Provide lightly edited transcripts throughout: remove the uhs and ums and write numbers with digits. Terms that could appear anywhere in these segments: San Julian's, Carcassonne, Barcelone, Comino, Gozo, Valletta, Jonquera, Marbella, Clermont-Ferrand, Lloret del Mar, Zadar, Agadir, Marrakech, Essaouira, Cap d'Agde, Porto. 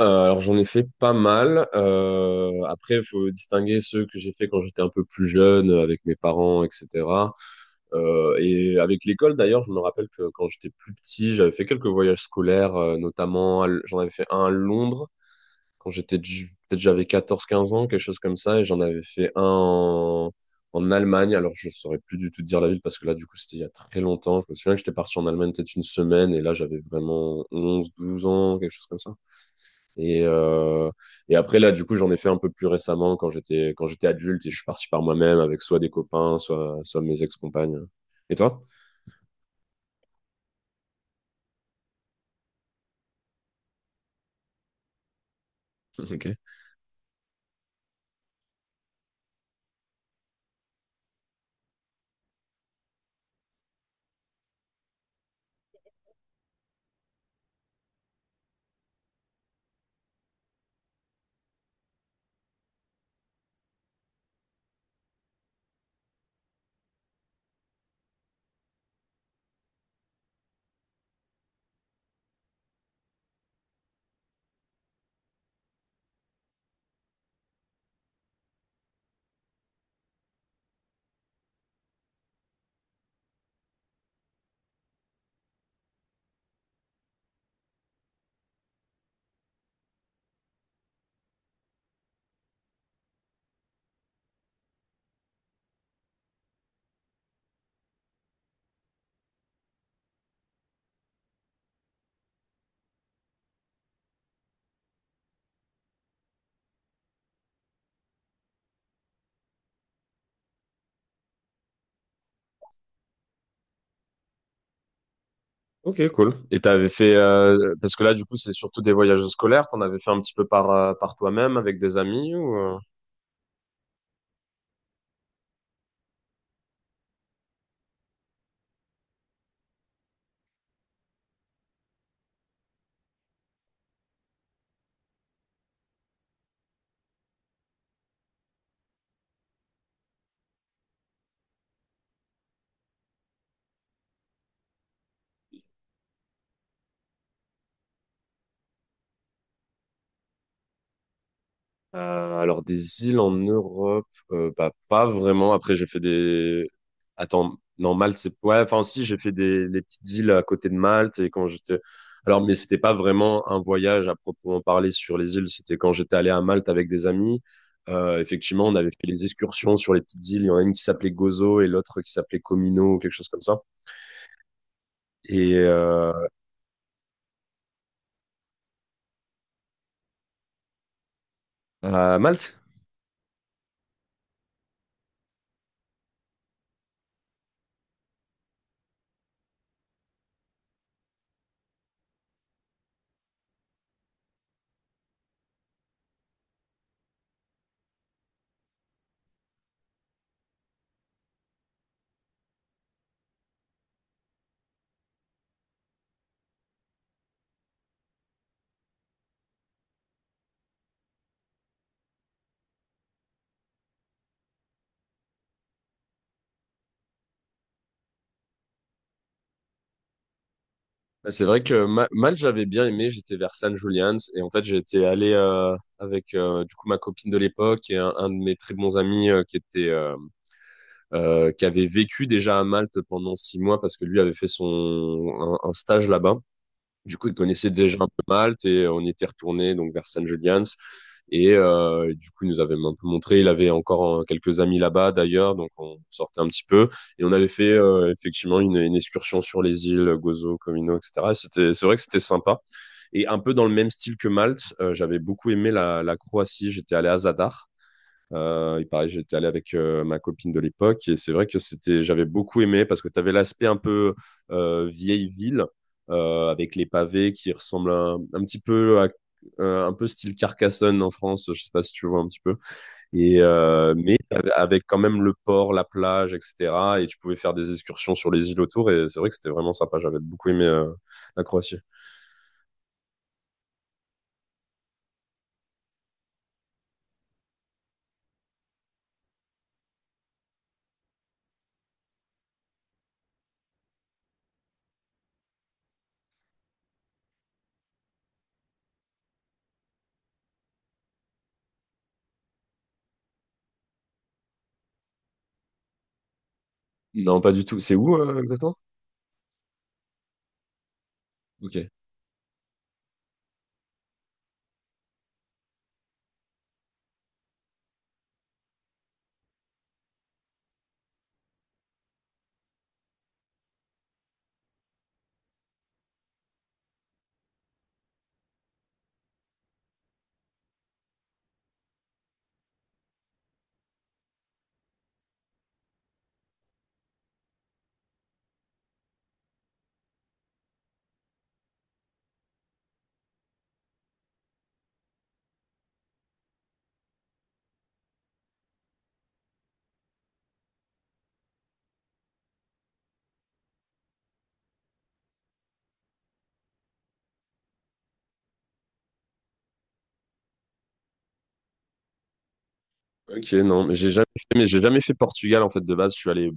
Alors j'en ai fait pas mal. Après, il faut distinguer ceux que j'ai fait quand j'étais un peu plus jeune, avec mes parents, etc. Et avec l'école d'ailleurs, je me rappelle que quand j'étais plus petit, j'avais fait quelques voyages scolaires, notamment j'en avais fait un à Londres quand peut-être j'avais 14, 15 ans, quelque chose comme ça, et j'en avais fait un en Allemagne. Alors je saurais plus du tout te dire la ville parce que là du coup c'était il y a très longtemps. Je me souviens que j'étais parti en Allemagne peut-être une semaine et là j'avais vraiment 11, 12 ans, quelque chose comme ça. Et, euh, et après, là, du coup, j'en ai fait un peu plus récemment quand j'étais adulte et je suis parti par moi-même avec soit des copains, soit mes ex-compagnes. Et toi? Ok. Ok, cool. Et t'avais fait, parce que là, du coup, c'est surtout des voyages scolaires, t'en avais fait un petit peu par toi-même avec des amis ou? Alors des îles en Europe, bah, pas vraiment. Après j'ai fait des... Attends, non, Malte, c'est... Ouais, enfin si, j'ai fait des les petites îles à côté de Malte et quand j'étais... Alors mais c'était pas vraiment un voyage à proprement parler sur les îles, c'était quand j'étais allé à Malte avec des amis. Effectivement, on avait fait les excursions sur les petites îles. Il y en a une qui s'appelait Gozo et l'autre qui s'appelait Comino ou quelque chose comme ça. Et euh, à Malte? Bah, c'est vrai que Malte, j'avais bien aimé. J'étais vers San Julian's et en fait, j'étais allé avec du coup ma copine de l'époque et un de mes très bons amis qui avait vécu déjà à Malte pendant 6 mois parce que lui avait fait son un stage là-bas. Du coup, il connaissait déjà un peu Malte et on y était retourné donc vers San Julian's. Et du coup, il nous avait un peu montré. Il avait encore quelques amis là-bas d'ailleurs, donc on sortait un petit peu. Et on avait fait effectivement une excursion sur les îles Gozo, Comino, etc. Et cetera. C'était, c'est vrai que c'était sympa. Et un peu dans le même style que Malte, j'avais beaucoup aimé la Croatie. J'étais allé à Zadar. Il paraît, j'étais allé avec ma copine de l'époque et c'est vrai que c'était, j'avais beaucoup aimé parce que tu avais l'aspect un peu vieille ville avec les pavés qui ressemblent un petit peu à un peu style Carcassonne en France, je sais pas si tu vois un petit peu. Et avec quand même le port, la plage, etc. Et tu pouvais faire des excursions sur les îles autour et c'est vrai que c'était vraiment sympa. J'avais beaucoup aimé la Croatie. Non, pas du tout. C'est où exactement? Ok. Ok, non, mais j'ai jamais fait Portugal en fait de base. Je suis allé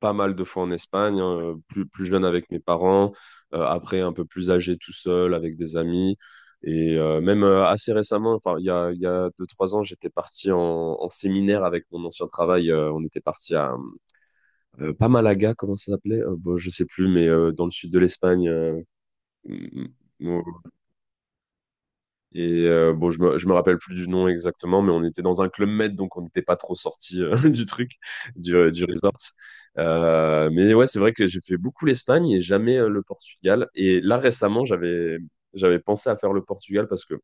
pas mal de fois en Espagne, hein, plus jeune avec mes parents, après un peu plus âgé tout seul avec des amis. Et même assez récemment, enfin il y a 2, 3 ans, j'étais parti en séminaire avec mon ancien travail. On était parti à pas Malaga, comment ça s'appelait? Bon, je sais plus, mais dans le sud de l'Espagne. Bon, je me rappelle plus du nom exactement, mais on était dans un club med, donc on n'était pas trop sorti du truc, du resort. Mais ouais, c'est vrai que j'ai fait beaucoup l'Espagne et jamais le Portugal. Et là, récemment, j'avais pensé à faire le Portugal parce que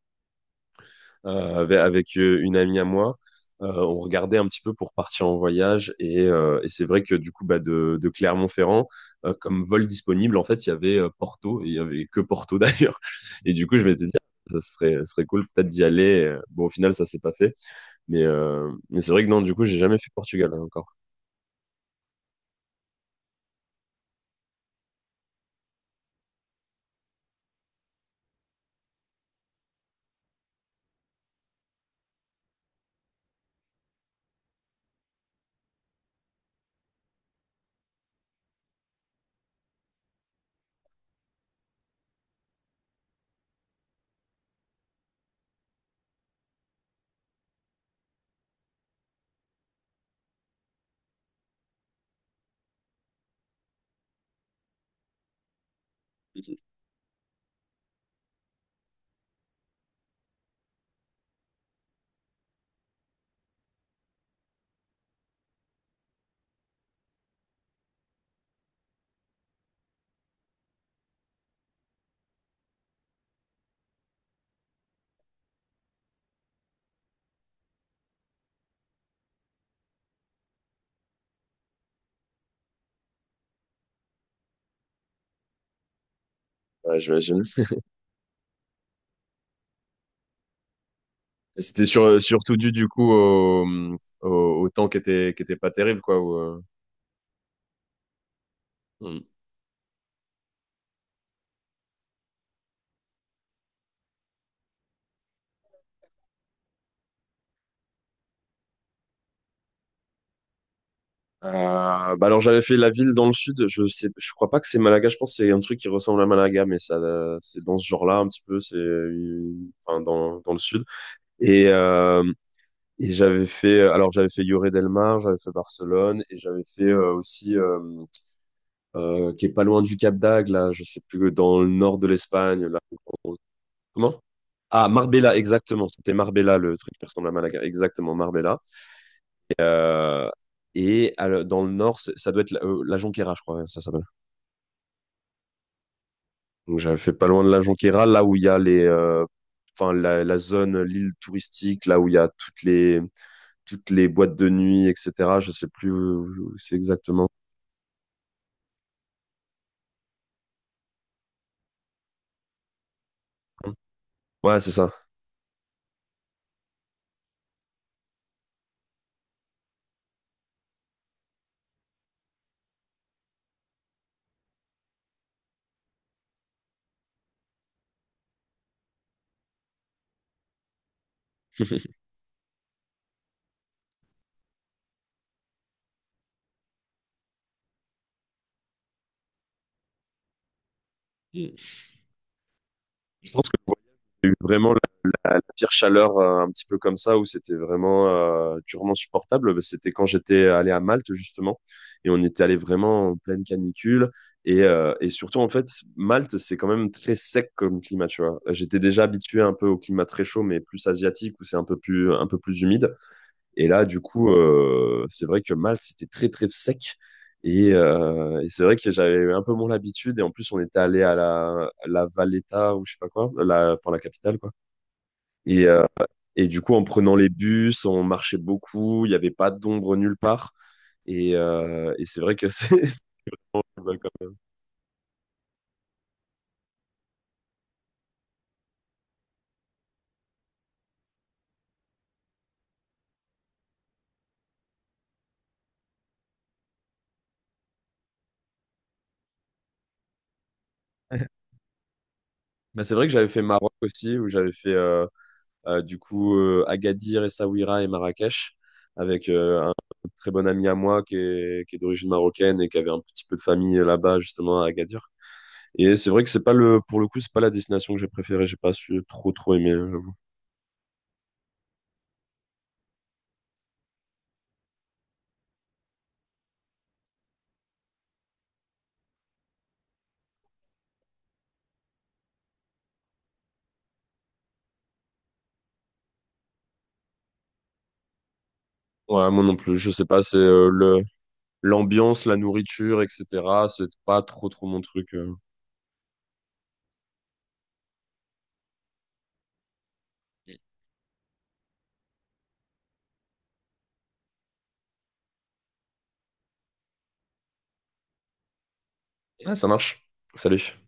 avec une amie à moi. On regardait un petit peu pour partir en voyage et c'est vrai que du coup bah, de Clermont-Ferrand comme vol disponible en fait il y avait Porto et il y avait que Porto d'ailleurs. Et du coup je m'étais dit ah, ce serait cool peut-être d'y aller, bon au final ça s'est pas fait, mais c'est vrai que non du coup j'ai jamais fait Portugal, hein, encore. Ouais, j'imagine. C'était sur, surtout dû du coup au temps qui était pas terrible quoi, où Euh, bah alors j'avais fait la ville dans le sud, je sais, je crois pas que c'est Malaga, je pense que c'est un truc qui ressemble à Malaga, mais ça, c'est dans ce genre-là un petit peu, enfin dans le sud. Et euh, et j'avais fait, alors j'avais fait Lloret del Mar, j'avais fait Barcelone, et j'avais fait aussi, qui est pas loin du Cap d'Agde là, je sais plus, dans le nord de l'Espagne là. Comment? Ah Marbella, exactement, c'était Marbella le truc qui ressemble à Malaga, exactement Marbella. Euh, et à dans le nord, c'est- ça doit être la, la Jonquera, je crois, hein, ça s'appelle. Donc j'avais fait pas loin de la Jonquera, là où il y a la zone, l'île touristique, là où il y a toutes les boîtes de nuit, etc. Je sais plus où c'est exactement. Ouais, c'est ça. Je pense que le voyage, j'ai eu vraiment la pire chaleur, un petit peu comme ça, où c'était vraiment durement supportable. Bah, c'était quand j'étais allé à Malte, justement, et on était allé vraiment en pleine canicule. Et surtout, en fait, Malte, c'est quand même très sec comme climat, tu vois. J'étais déjà habitué un peu au climat très chaud, mais plus asiatique, où c'est un peu plus humide. Et là, du coup, c'est vrai que Malte, c'était très, très sec. Et c'est vrai que j'avais un peu moins l'habitude. Et en plus, on était allé à la Valletta ou je sais pas quoi, la, enfin la capitale, quoi. Et, euh, et du coup, en prenant les bus, on marchait beaucoup. Il n'y avait pas d'ombre nulle part. Et c'est vrai que c'est c'est pas mal quand même. Bah, c'est vrai que j'avais fait Maroc aussi, où j'avais fait Agadir, Essaouira et Marrakech avec très bon ami à moi qui est d'origine marocaine et qui avait un petit peu de famille là-bas, justement, à Agadir. Et c'est vrai que c'est pas le, pour le coup, c'est pas la destination que j'ai préférée. J'ai pas su trop, trop aimer, j'avoue. Ouais, moi non plus. Je sais pas, c'est le, l'ambiance, la nourriture, etc. C'est pas trop, trop mon truc. Ouais, ça marche. Salut.